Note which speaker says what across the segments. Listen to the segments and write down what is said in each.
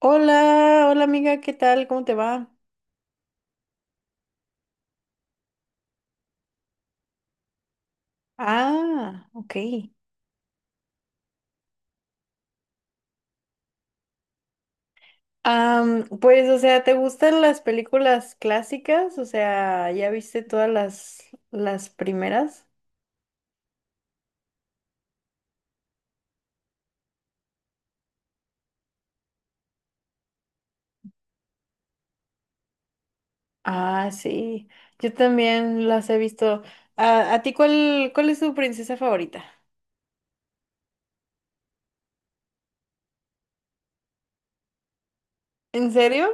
Speaker 1: Hola, hola amiga, ¿qué tal? ¿Cómo te va? Ah, ok. Pues, o sea, ¿te gustan las películas clásicas? O sea, ¿ya viste todas las primeras? Ah, sí, yo también las he visto. Ah, ¿a ti cuál es tu princesa favorita? ¿En serio?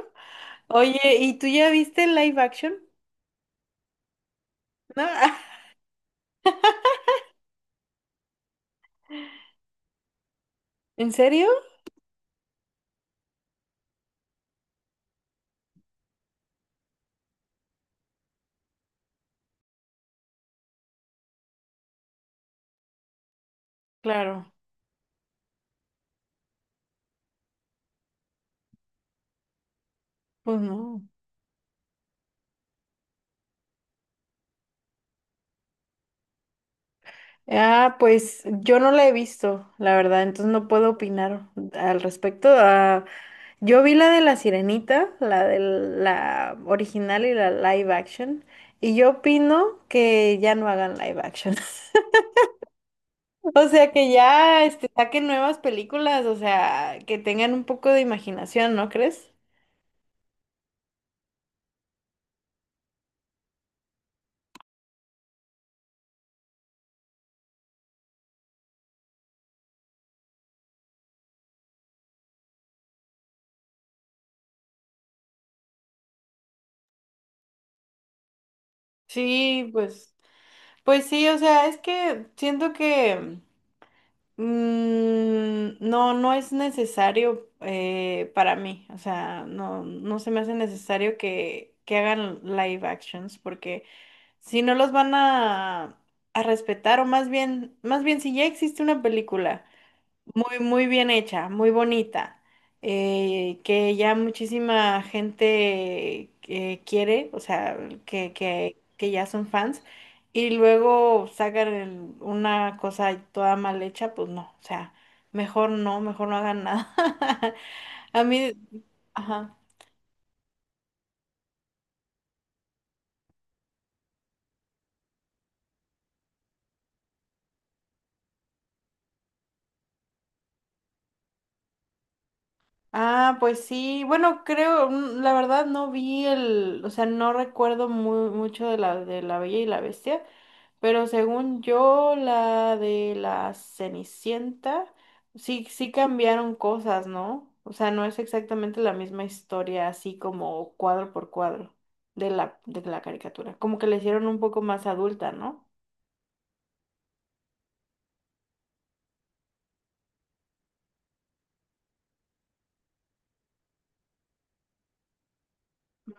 Speaker 1: Oye, ¿y tú ya viste el live action? ¿No? ¿En serio? Claro, pues no. Ah, pues yo no la he visto, la verdad, entonces no puedo opinar al respecto. Ah, yo vi la de la Sirenita, la de la original y la live action, y yo opino que ya no hagan live action. O sea, que ya este, saquen nuevas películas, o sea, que tengan un poco de imaginación, ¿no crees? Sí, pues sí, o sea, es que siento que. Mm, no, no es necesario para mí, o sea, no, no se me hace necesario que hagan live actions, porque si no los van a respetar, o más bien si ya existe una película muy, muy bien hecha, muy bonita, que ya muchísima gente quiere, o sea, que ya son fans, y luego sacan una cosa toda mal hecha, pues no, o sea, mejor no hagan nada. A mí, ajá. Ah, pues sí, bueno, creo, la verdad no vi el, o sea, no recuerdo mucho de de La Bella y la Bestia. Pero según yo, la de la Cenicienta, sí, sí cambiaron cosas, ¿no? O sea, no es exactamente la misma historia, así como cuadro por cuadro de la caricatura. Como que la hicieron un poco más adulta, ¿no?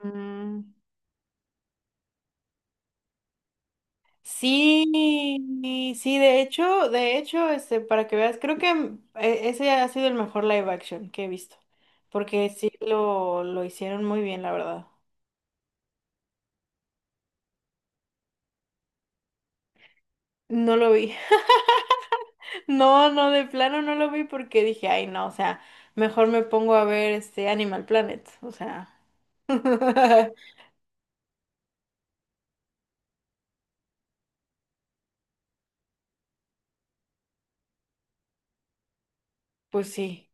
Speaker 1: Mm, sí, sí, de hecho, este, para que veas, creo que ese ha sido el mejor live action que he visto, porque sí lo hicieron muy bien, la verdad. No lo vi. No, no, de plano no lo vi porque dije, ay, no, o sea, mejor me pongo a ver este Animal Planet, o sea, pues sí,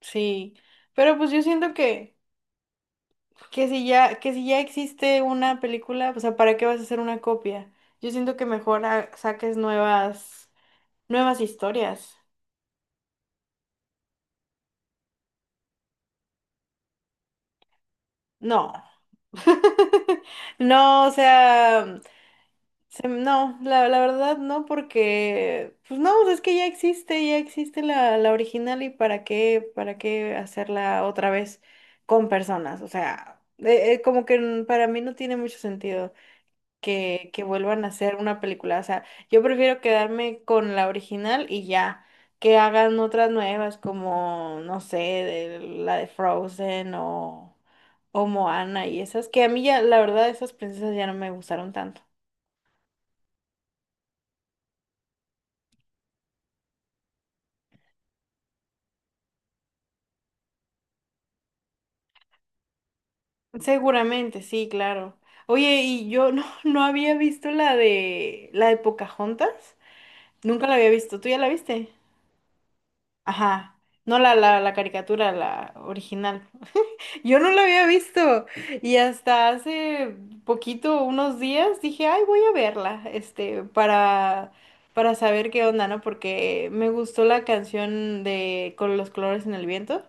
Speaker 1: sí, pero pues yo siento que si ya, que si ya, existe una película, o sea, ¿para qué vas a hacer una copia? Yo siento que mejor saques nuevas historias. No. No, o sea. No, la verdad no, porque pues no, es que ya existe la original y para qué hacerla otra vez con personas. O sea, como que para mí no tiene mucho sentido que vuelvan a hacer una película. O sea, yo prefiero quedarme con la original y ya, que hagan otras nuevas como, no sé, la de Frozen o Moana y esas, que a mí ya, la verdad, esas princesas ya no me gustaron tanto. Seguramente, sí, claro. Oye, y yo no, no había visto la de Pocahontas. Nunca la había visto. ¿Tú ya la viste? Ajá. No, la caricatura, la original. Yo no la había visto. Y hasta hace poquito, unos días, dije, ay, voy a verla, este, para saber qué onda, ¿no? Porque me gustó la canción de Con los colores en el viento.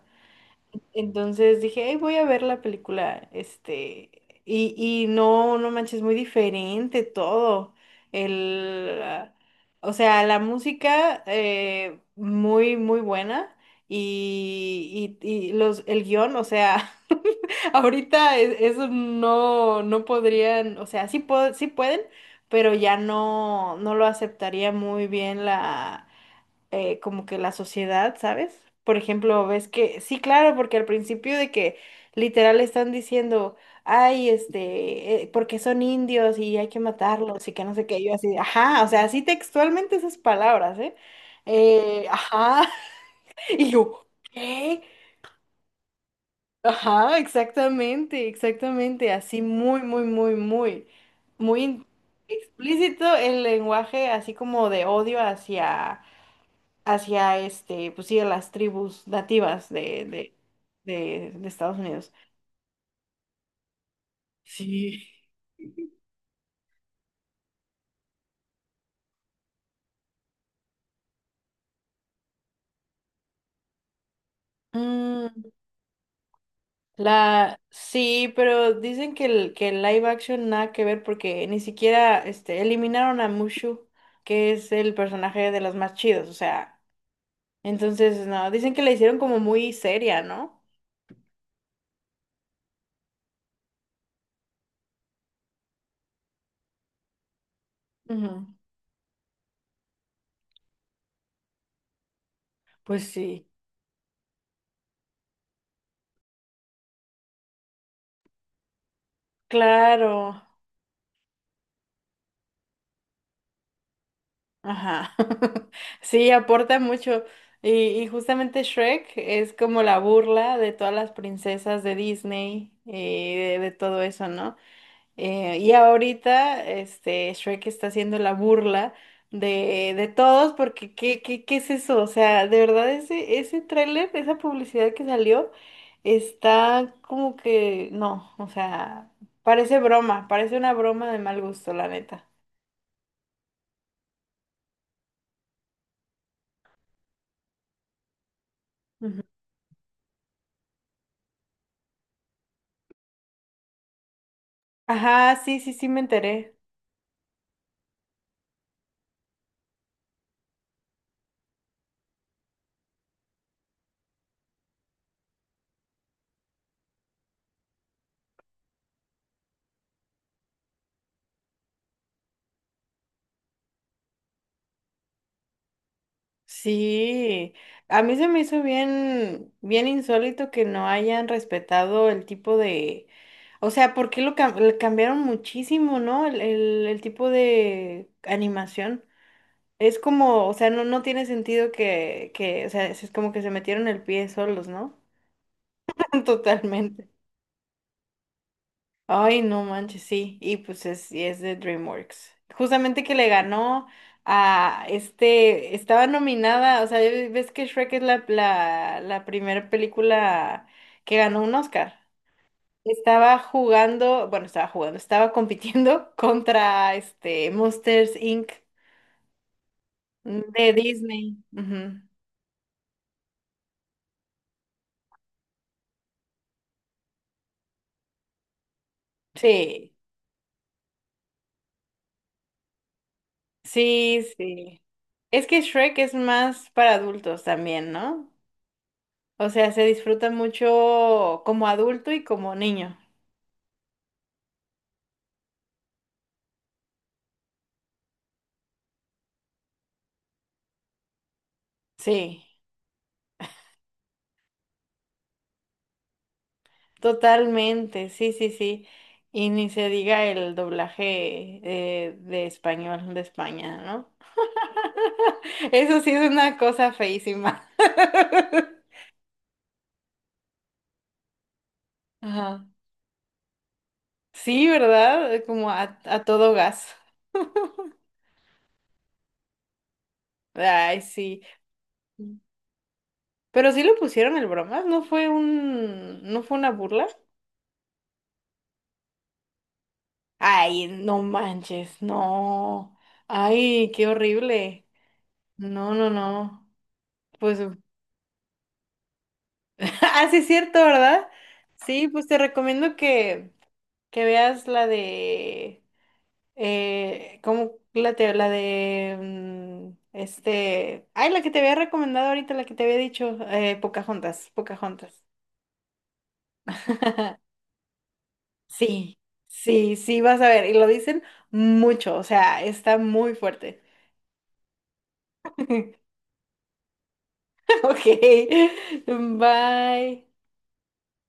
Speaker 1: Entonces dije, "Ay, voy a ver la película, este, y no, no manches, muy diferente todo. El, ah, o sea, la música muy, muy buena y el guión, o sea, ahorita eso no, no podrían, o sea, sí, sí pueden, pero ya no, no lo aceptaría muy bien como que la sociedad, ¿sabes? Por ejemplo, ves que, sí, claro, porque al principio de que literal están diciendo, ay, este, porque son indios y hay que matarlos y que no sé qué, yo así, ajá, o sea, así textualmente esas palabras, ¿eh? Ajá, y yo, ¿qué? Ajá, exactamente, exactamente, así muy, muy, muy, muy, muy explícito el lenguaje, así como de odio hacia este, pues sí, a las tribus nativas de Estados Unidos. Sí. Mm, sí, pero dicen que el live action nada que ver porque ni siquiera este, eliminaron a Mushu, que es el personaje de los más chidos, o sea, entonces no, dicen que la hicieron como muy seria, ¿no? Ujú. Pues sí. Claro. Ajá. Sí, aporta mucho. Y justamente Shrek es como la burla de todas las princesas de Disney y de todo eso, ¿no? Y ahorita, este, Shrek está haciendo la burla de todos porque ¿qué es eso? O sea, de verdad ese tráiler, esa publicidad que salió, está como que, no, o sea, parece broma, parece una broma de mal gusto, la neta. Ujú. Ajá, sí, sí, sí me enteré. Sí, a mí se me hizo bien, bien insólito que no hayan respetado el tipo de, o sea, ¿por qué le cambiaron muchísimo, ¿no? El tipo de animación. Es como, o sea, no, no tiene sentido o sea, es como que se metieron el pie solos, ¿no? Totalmente. Ay, no manches, sí. Y pues y es de DreamWorks. Justamente que le ganó a este, estaba nominada, o sea, ves que Shrek es la primera película que ganó un Oscar. Estaba jugando, bueno, estaba jugando, Estaba compitiendo contra este Monsters Inc. de Disney. Ujú. Sí, sí, sí. Es que Shrek es más para adultos también, ¿no? O sea, se disfruta mucho como adulto y como niño. Sí, totalmente, sí, sí, sí. Y ni se diga el doblaje de español de España, ¿no? Eso sí es una cosa feísima. Ajá. Sí, ¿verdad? Como a todo gas. Ay, sí. Pero sí lo pusieron el bromas, no fue una burla? Ay, no manches, no. Ay, qué horrible. No, no, no. Pues, ah, sí es cierto, ¿verdad? Sí, pues te recomiendo que veas eh, ¿cómo la te, la de, este, ay, la que te había recomendado ahorita, la que te había dicho, Pocahontas, Pocahontas. Sí, sí, sí, vas a ver, y lo dicen mucho, o sea, está muy fuerte. Ok, bye.